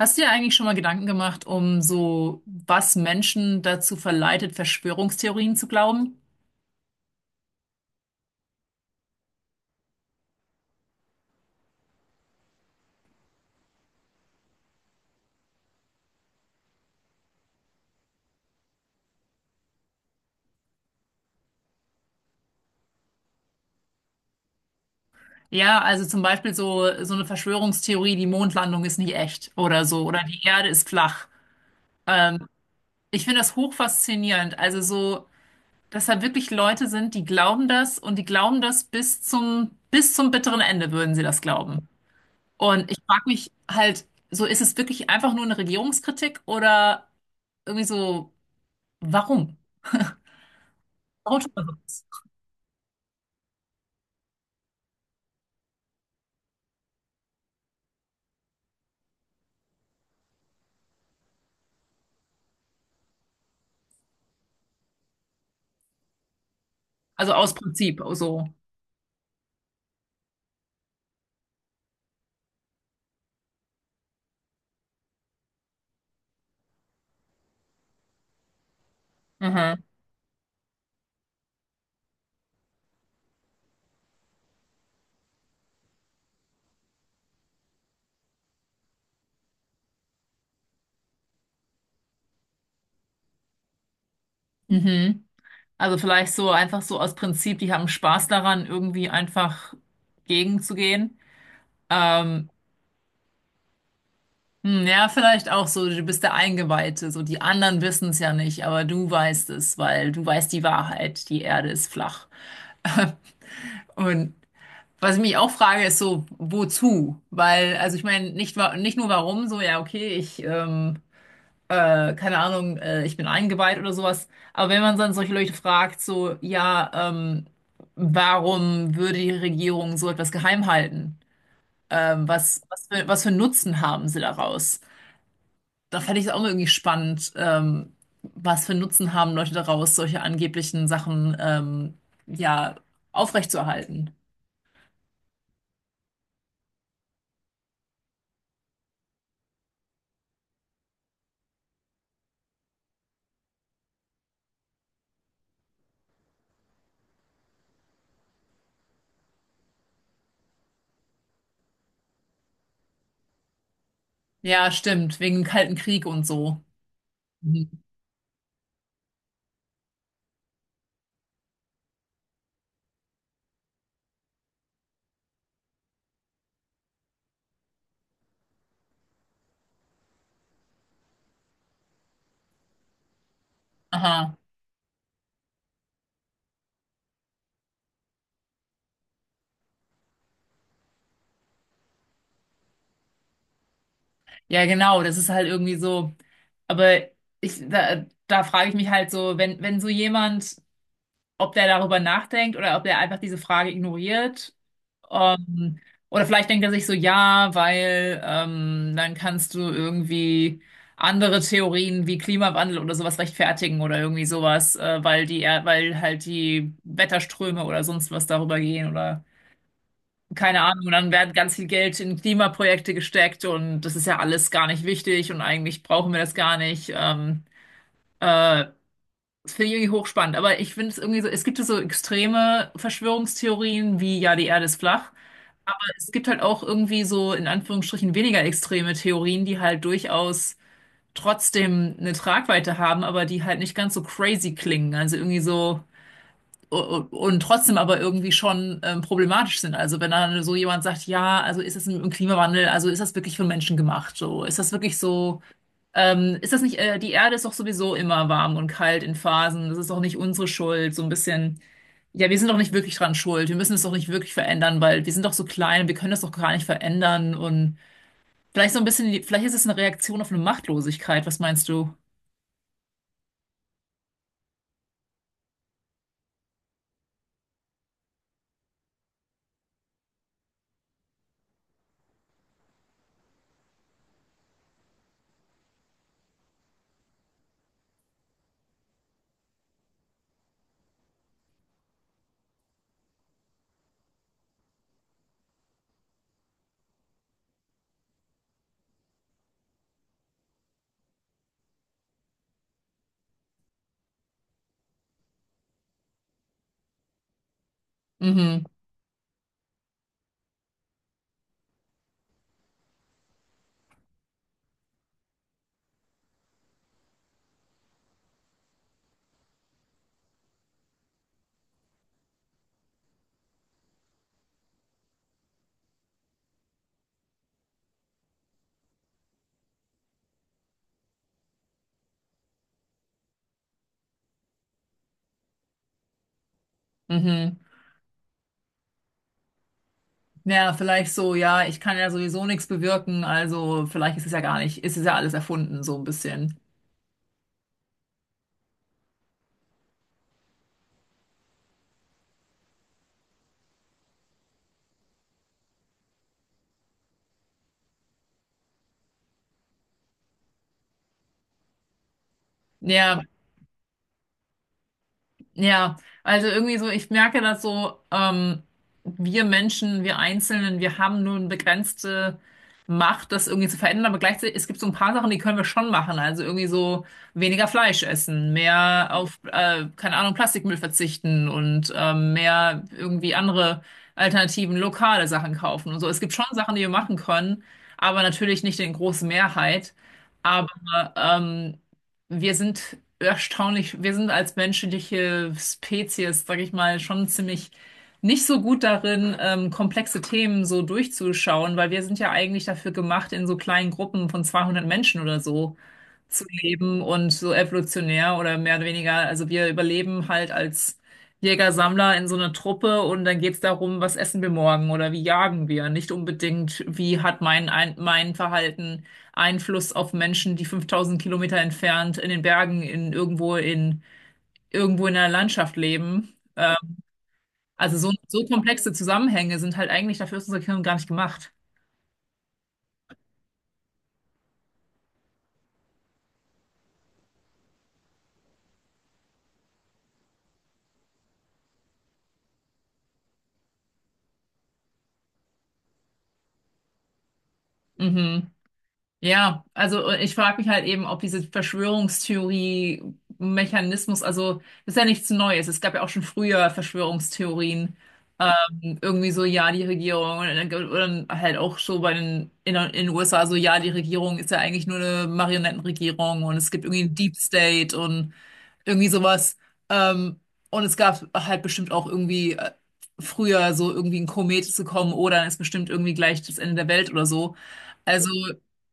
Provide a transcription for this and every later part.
Hast du dir eigentlich schon mal Gedanken gemacht, um so, was Menschen dazu verleitet, Verschwörungstheorien zu glauben? Ja, also zum Beispiel so, eine Verschwörungstheorie, die Mondlandung ist nicht echt oder so, oder die Erde ist flach. Ähm, ich finde das hochfaszinierend. Also so, dass da wirklich Leute sind, die glauben das und die glauben das bis zum bitteren Ende würden sie das glauben. Und ich frage mich halt, so ist es wirklich einfach nur eine Regierungskritik oder irgendwie so, warum? Warum tut man sowas? Also aus Prinzip, oh so. Mhm. Mhm. Also vielleicht so einfach so aus Prinzip, die haben Spaß daran, irgendwie einfach gegenzugehen. Ähm, hm, ja, vielleicht auch so, du bist der Eingeweihte, so die anderen wissen es ja nicht, aber du weißt es, weil du weißt die Wahrheit, die Erde ist flach. Und was ich mich auch frage, ist so, wozu? Weil, also ich meine, nicht, nicht nur warum, so, ja, okay, keine Ahnung, ich bin eingeweiht oder sowas. Aber wenn man dann solche Leute fragt, so, ja, warum würde die Regierung so etwas geheim halten? Was für einen Nutzen haben sie daraus? Da fände ich es auch mal irgendwie spannend, was für einen Nutzen haben Leute daraus, solche angeblichen Sachen, ja, aufrechtzuerhalten. Ja, stimmt, wegen dem Kalten Krieg und so. Mhm. Aha. Ja, genau, das ist halt irgendwie so. Aber da frage ich mich halt so, wenn so jemand, ob der darüber nachdenkt oder ob der einfach diese Frage ignoriert, ähm, oder vielleicht denkt er sich so, ja, weil dann kannst du irgendwie andere Theorien wie Klimawandel oder sowas rechtfertigen oder irgendwie sowas, weil weil halt die Wetterströme oder sonst was darüber gehen oder keine Ahnung. Und dann werden ganz viel Geld in Klimaprojekte gesteckt und das ist ja alles gar nicht wichtig und eigentlich brauchen wir das gar nicht. Äh, das finde ich irgendwie hochspannend, aber ich finde es irgendwie so, es gibt ja so extreme Verschwörungstheorien wie, ja, die Erde ist flach, aber es gibt halt auch irgendwie so in Anführungsstrichen weniger extreme Theorien, die halt durchaus trotzdem eine Tragweite haben, aber die halt nicht ganz so crazy klingen, also irgendwie so u- und trotzdem aber irgendwie schon problematisch sind. Also wenn dann so jemand sagt, ja, also ist das im Klimawandel, also ist das wirklich von Menschen gemacht, so ist das wirklich so ist das nicht, die Erde ist doch sowieso immer warm und kalt in Phasen. Das ist doch nicht unsere Schuld, so ein bisschen. Ja, wir sind doch nicht wirklich dran schuld. Wir müssen es doch nicht wirklich verändern, weil wir sind doch so klein wir können das doch gar nicht verändern. Und vielleicht so ein bisschen, vielleicht ist es eine Reaktion auf eine Machtlosigkeit. Was meinst du? Mhm, mhm. Ja, vielleicht so, ja, ich kann ja sowieso nichts bewirken, also vielleicht ist es ja gar nicht, ist es ja alles erfunden, so ein bisschen. Ja, Ja, also irgendwie so, ich merke das so, wir Menschen, wir Einzelnen, wir haben nur eine begrenzte Macht, das irgendwie zu verändern, aber gleichzeitig, es gibt so ein paar Sachen, die können wir schon machen. Also irgendwie so weniger Fleisch essen, mehr auf, keine Ahnung, Plastikmüll verzichten und mehr irgendwie andere Alternativen, lokale Sachen kaufen und so. Es gibt schon Sachen, die wir machen können, aber natürlich nicht in großer Mehrheit. Aber ähm, wir sind erstaunlich, wir sind als menschliche Spezies, sag ich mal, schon ziemlich nicht so gut darin, komplexe Themen so durchzuschauen, weil wir sind ja eigentlich dafür gemacht, in so kleinen Gruppen von 200 Menschen oder so zu leben und so evolutionär oder mehr oder weniger. Also wir überleben halt als Jäger-Sammler in so einer Truppe und dann geht's darum, was essen wir morgen oder wie jagen wir. Nicht unbedingt, wie hat mein Verhalten Einfluss auf Menschen, die 5000 Kilometer entfernt in den Bergen, in irgendwo in irgendwo in der Landschaft leben. Also so, so komplexe Zusammenhänge sind halt eigentlich dafür ist unser Gehirn gar nicht gemacht. Mhm. Ja, also ich frage mich halt eben, ob diese Verschwörungstheorie-Mechanismus, also das ist ja nichts Neues. Es gab ja auch schon früher Verschwörungstheorien, irgendwie so, ja, die Regierung, oder halt auch so bei in den USA, so, ja, die Regierung ist ja eigentlich nur eine Marionettenregierung und es gibt irgendwie einen Deep State und irgendwie sowas. Ähm, und es gab halt bestimmt auch irgendwie früher so irgendwie ein Komet zu kommen oder dann ist bestimmt irgendwie gleich das Ende der Welt oder so. Also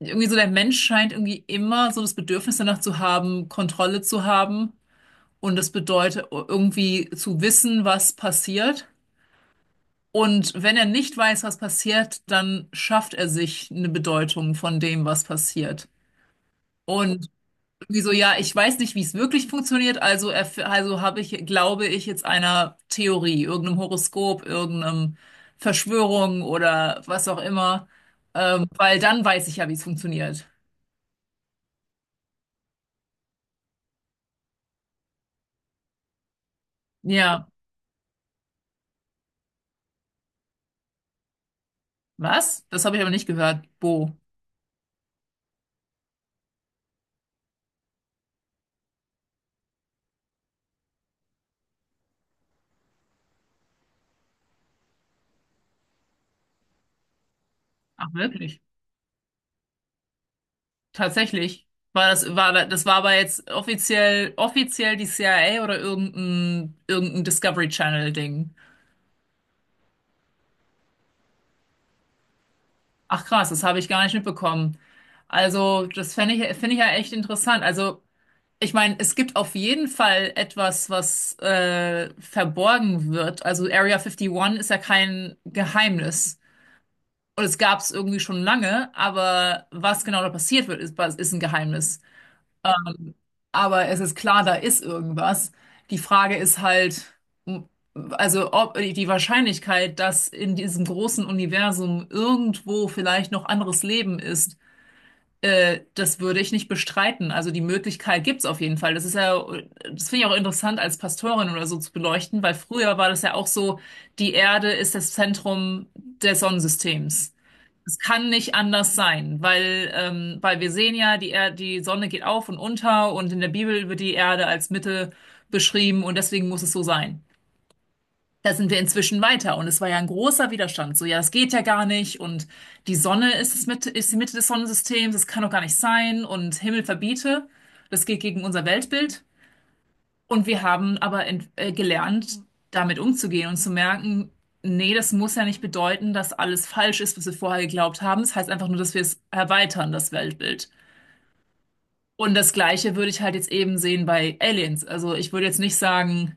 irgendwie so der Mensch scheint irgendwie immer so das Bedürfnis danach zu haben, Kontrolle zu haben und das bedeutet irgendwie zu wissen, was passiert. Und wenn er nicht weiß, was passiert, dann schafft er sich eine Bedeutung von dem, was passiert. Und irgendwie so, ja, ich weiß nicht, wie es wirklich funktioniert, also habe ich, glaube ich, jetzt einer Theorie, irgendeinem Horoskop, irgendeinem Verschwörung oder was auch immer, weil dann weiß ich ja, wie es funktioniert. Ja. Was? Das habe ich aber nicht gehört. Bo. Ach, wirklich? Tatsächlich. War das, war, da- das war aber jetzt offiziell die CIA oder irgendein Discovery Channel-Ding. Ach krass, das habe ich gar nicht mitbekommen. Also, finde ich ja echt interessant. Also, ich meine, es gibt auf jeden Fall etwas, was verborgen wird. Also, Area 51 ist ja kein Geheimnis. Und es gab es irgendwie schon lange, aber was genau da passiert wird, ist ein Geheimnis. Aber es ist klar, da ist irgendwas. Die Frage ist halt, m- also ob die Wahrscheinlichkeit, dass in diesem großen Universum irgendwo vielleicht noch anderes Leben ist, das würde ich nicht bestreiten. Also die Möglichkeit gibt's auf jeden Fall. Das ist ja, das finde ich auch interessant als Pastorin oder so zu beleuchten, weil früher war das ja auch so, die Erde ist das Zentrum des Sonnensystems. Es kann nicht anders sein, weil, weil wir sehen ja, die Sonne geht auf und unter und in der Bibel wird die Erde als Mitte beschrieben und deswegen muss es so sein. Da sind wir inzwischen weiter und es war ja ein großer Widerstand. So, ja, das geht ja gar nicht und die Sonne ist es mit, ist die Mitte des Sonnensystems, das kann doch gar nicht sein und Himmel verbiete, das geht gegen unser Weltbild. Und wir haben aber gelernt, damit umzugehen und zu merken, nee, das muss ja nicht bedeuten, dass alles falsch ist, was wir vorher geglaubt haben. Das heißt einfach nur, dass wir es erweitern, das Weltbild. Und das Gleiche würde ich halt jetzt eben sehen bei Aliens. Also ich würde jetzt nicht sagen,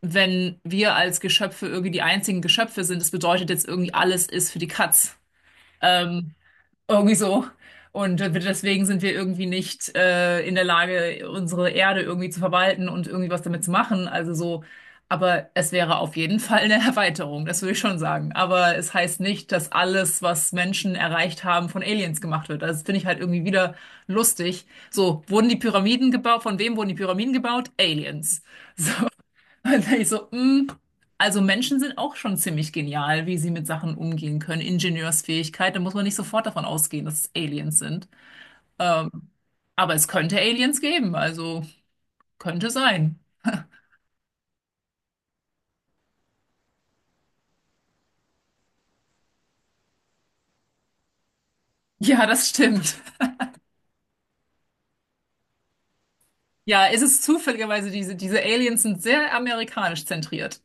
wenn wir als Geschöpfe irgendwie die einzigen Geschöpfe sind, das bedeutet jetzt irgendwie alles ist für die Katz. Ähm, irgendwie so. Und deswegen sind wir irgendwie nicht in der Lage, unsere Erde irgendwie zu verwalten und irgendwie was damit zu machen. Also so, aber es wäre auf jeden Fall eine Erweiterung, das würde ich schon sagen. Aber es heißt nicht, dass alles, was Menschen erreicht haben, von Aliens gemacht wird. Also das finde ich halt irgendwie wieder lustig. So, wurden die Pyramiden gebaut? Von wem wurden die Pyramiden gebaut? Aliens. Und dann ich so, mm, also Menschen sind auch schon ziemlich genial, wie sie mit Sachen umgehen können. Ingenieursfähigkeit, da muss man nicht sofort davon ausgehen, dass es Aliens sind. Ähm, aber es könnte Aliens geben, also könnte sein. Ja, das stimmt. Ja, es ist zufälligerweise, diese Aliens sind sehr amerikanisch zentriert.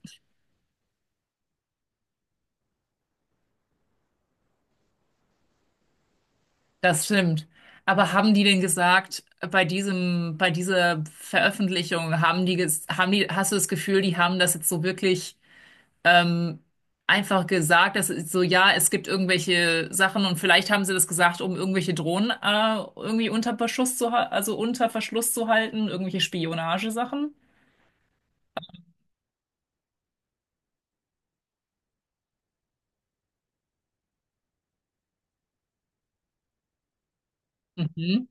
Das stimmt. Aber haben die denn gesagt, bei dieser Veröffentlichung, haben die, hast du das Gefühl, die haben das jetzt so wirklich einfach gesagt, das ist so, ja, es gibt irgendwelche Sachen und vielleicht haben sie das gesagt, um irgendwelche Drohnen irgendwie unter Beschuss zu, ha- also unter Verschluss zu halten, irgendwelche Spionagesachen. Mhm.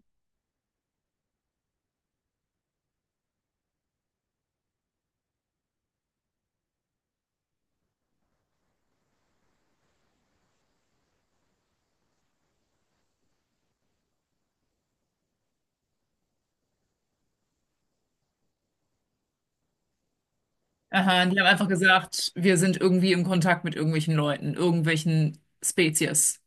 Aha, die haben einfach gesagt, wir sind irgendwie im Kontakt mit irgendwelchen Leuten, irgendwelchen Spezies.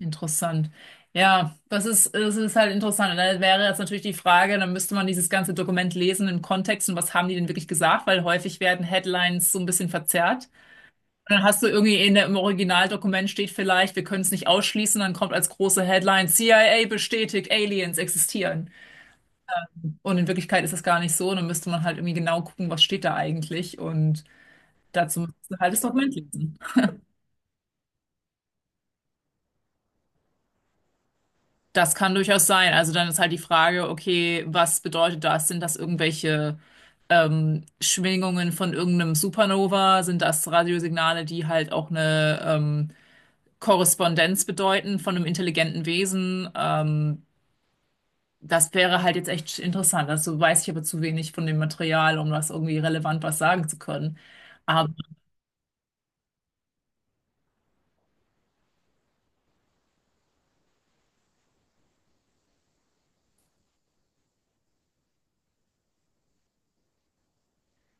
Interessant. Ja, das ist halt interessant. Und dann wäre jetzt natürlich die Frage, dann müsste man dieses ganze Dokument lesen im Kontext und was haben die denn wirklich gesagt, weil häufig werden Headlines so ein bisschen verzerrt. Dann hast du irgendwie in im Originaldokument steht vielleicht, wir können es nicht ausschließen, dann kommt als große Headline, CIA bestätigt, Aliens existieren. Und in Wirklichkeit ist das gar nicht so. Dann müsste man halt irgendwie genau gucken, was steht da eigentlich. Und dazu müsstest du halt das Dokument lesen. Das kann durchaus sein. Also dann ist halt die Frage, okay, was bedeutet das? Sind das irgendwelche Schwingungen von irgendeinem Supernova? Sind das Radiosignale, die halt auch eine Korrespondenz bedeuten von einem intelligenten Wesen? Das wäre halt jetzt echt interessant. Dazu weiß ich aber zu wenig von dem Material, um das irgendwie relevant was sagen zu können. Aber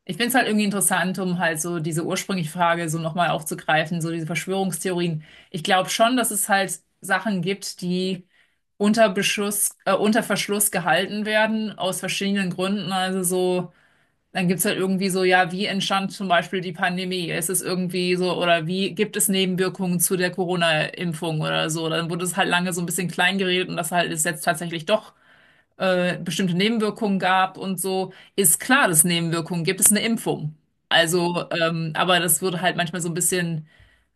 ich finde es halt irgendwie interessant, um halt so diese ursprüngliche Frage so nochmal aufzugreifen, so diese Verschwörungstheorien. Ich glaube schon, dass es halt Sachen gibt, die unter Verschluss gehalten werden, aus verschiedenen Gründen. Also so. Dann gibt's halt irgendwie so, ja, wie entstand zum Beispiel die Pandemie? Ist es irgendwie so, oder wie gibt es Nebenwirkungen zu der Corona-Impfung oder so? Dann wurde es halt lange so ein bisschen klein geredet und dass halt es jetzt tatsächlich doch bestimmte Nebenwirkungen gab und so. Ist klar, dass es Nebenwirkungen gibt, es ist eine Impfung. Also, aber das wurde halt manchmal so ein bisschen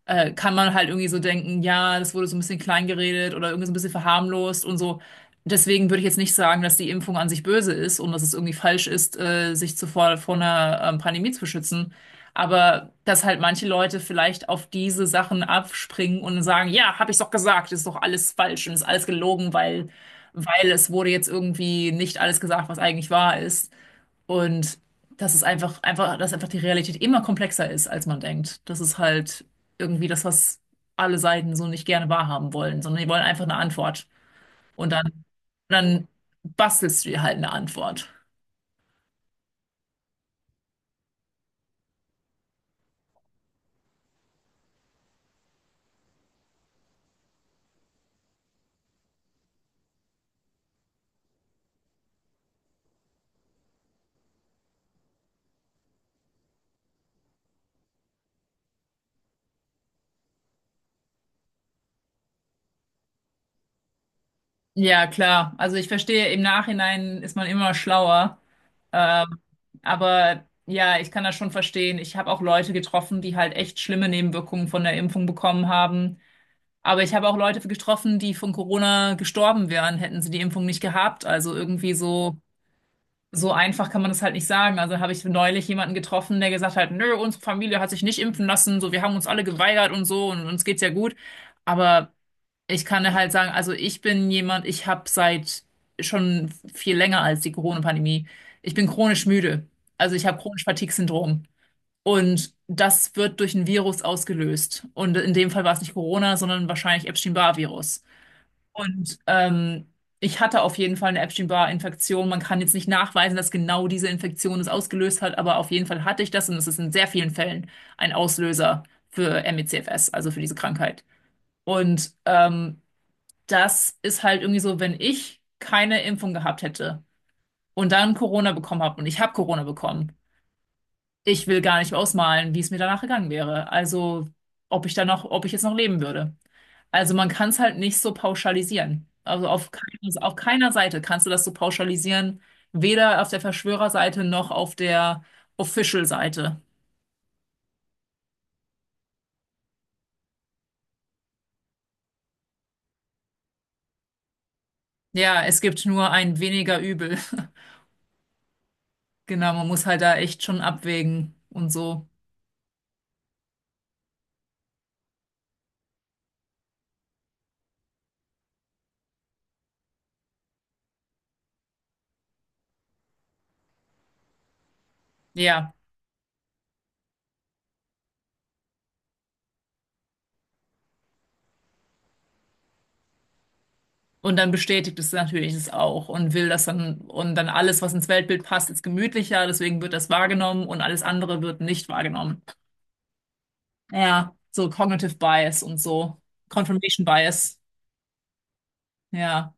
kann man halt irgendwie so denken, ja, das wurde so ein bisschen klein geredet oder irgendwie so ein bisschen verharmlost und so. Deswegen würde ich jetzt nicht sagen, dass die Impfung an sich böse ist und dass es irgendwie falsch ist, sich zuvor vor einer Pandemie zu schützen. Aber dass halt manche Leute vielleicht auf diese Sachen abspringen und sagen, ja, habe ich doch gesagt, ist doch alles falsch und ist alles gelogen, weil, weil es wurde jetzt irgendwie nicht alles gesagt, was eigentlich wahr ist. Und dass es dass einfach die Realität immer komplexer ist, als man denkt. Das ist halt irgendwie das, was alle Seiten so nicht gerne wahrhaben wollen, sondern die wollen einfach eine Antwort. Und dann, dann bastelst du dir halt eine Antwort. Ja, klar. Also ich verstehe, im Nachhinein ist man immer schlauer. Ähm, aber ja, ich kann das schon verstehen. Ich habe auch Leute getroffen, die halt echt schlimme Nebenwirkungen von der Impfung bekommen haben. Aber ich habe auch Leute getroffen, die von Corona gestorben wären, hätten sie die Impfung nicht gehabt. Also irgendwie so, so einfach kann man das halt nicht sagen. Also habe ich neulich jemanden getroffen, der gesagt hat, nö, unsere Familie hat sich nicht impfen lassen, so wir haben uns alle geweigert und so und uns geht's ja gut. Aber ich kann dir halt sagen, also ich bin jemand, ich habe seit schon viel länger als die Corona-Pandemie, ich bin chronisch müde. Also ich habe chronisch Fatigue-Syndrom. Und das wird durch ein Virus ausgelöst. Und in dem Fall war es nicht Corona, sondern wahrscheinlich Epstein-Barr-Virus. Und ich hatte auf jeden Fall eine Epstein-Barr-Infektion. Man kann jetzt nicht nachweisen, dass genau diese Infektion es ausgelöst hat, aber auf jeden Fall hatte ich das und es ist in sehr vielen Fällen ein Auslöser für ME/CFS, also für diese Krankheit. Und das ist halt irgendwie so, wenn ich keine Impfung gehabt hätte und dann Corona bekommen habe und ich habe Corona bekommen, ich will gar nicht ausmalen, wie es mir danach gegangen wäre. Also, ob ich dann noch, ob ich jetzt noch leben würde. Also, man kann es halt nicht so pauschalisieren. Also, auf, kein, auf keiner Seite kannst du das so pauschalisieren. Weder auf der Verschwörerseite noch auf der Official-Seite. Ja, es gibt nur ein weniger Übel. Genau, man muss halt da echt schon abwägen und so. Ja. Und dann bestätigt es natürlich es auch und will das dann, und dann alles, was ins Weltbild passt, ist gemütlicher, deswegen wird das wahrgenommen und alles andere wird nicht wahrgenommen. Ja, so Cognitive Bias und so. Confirmation Bias. Ja.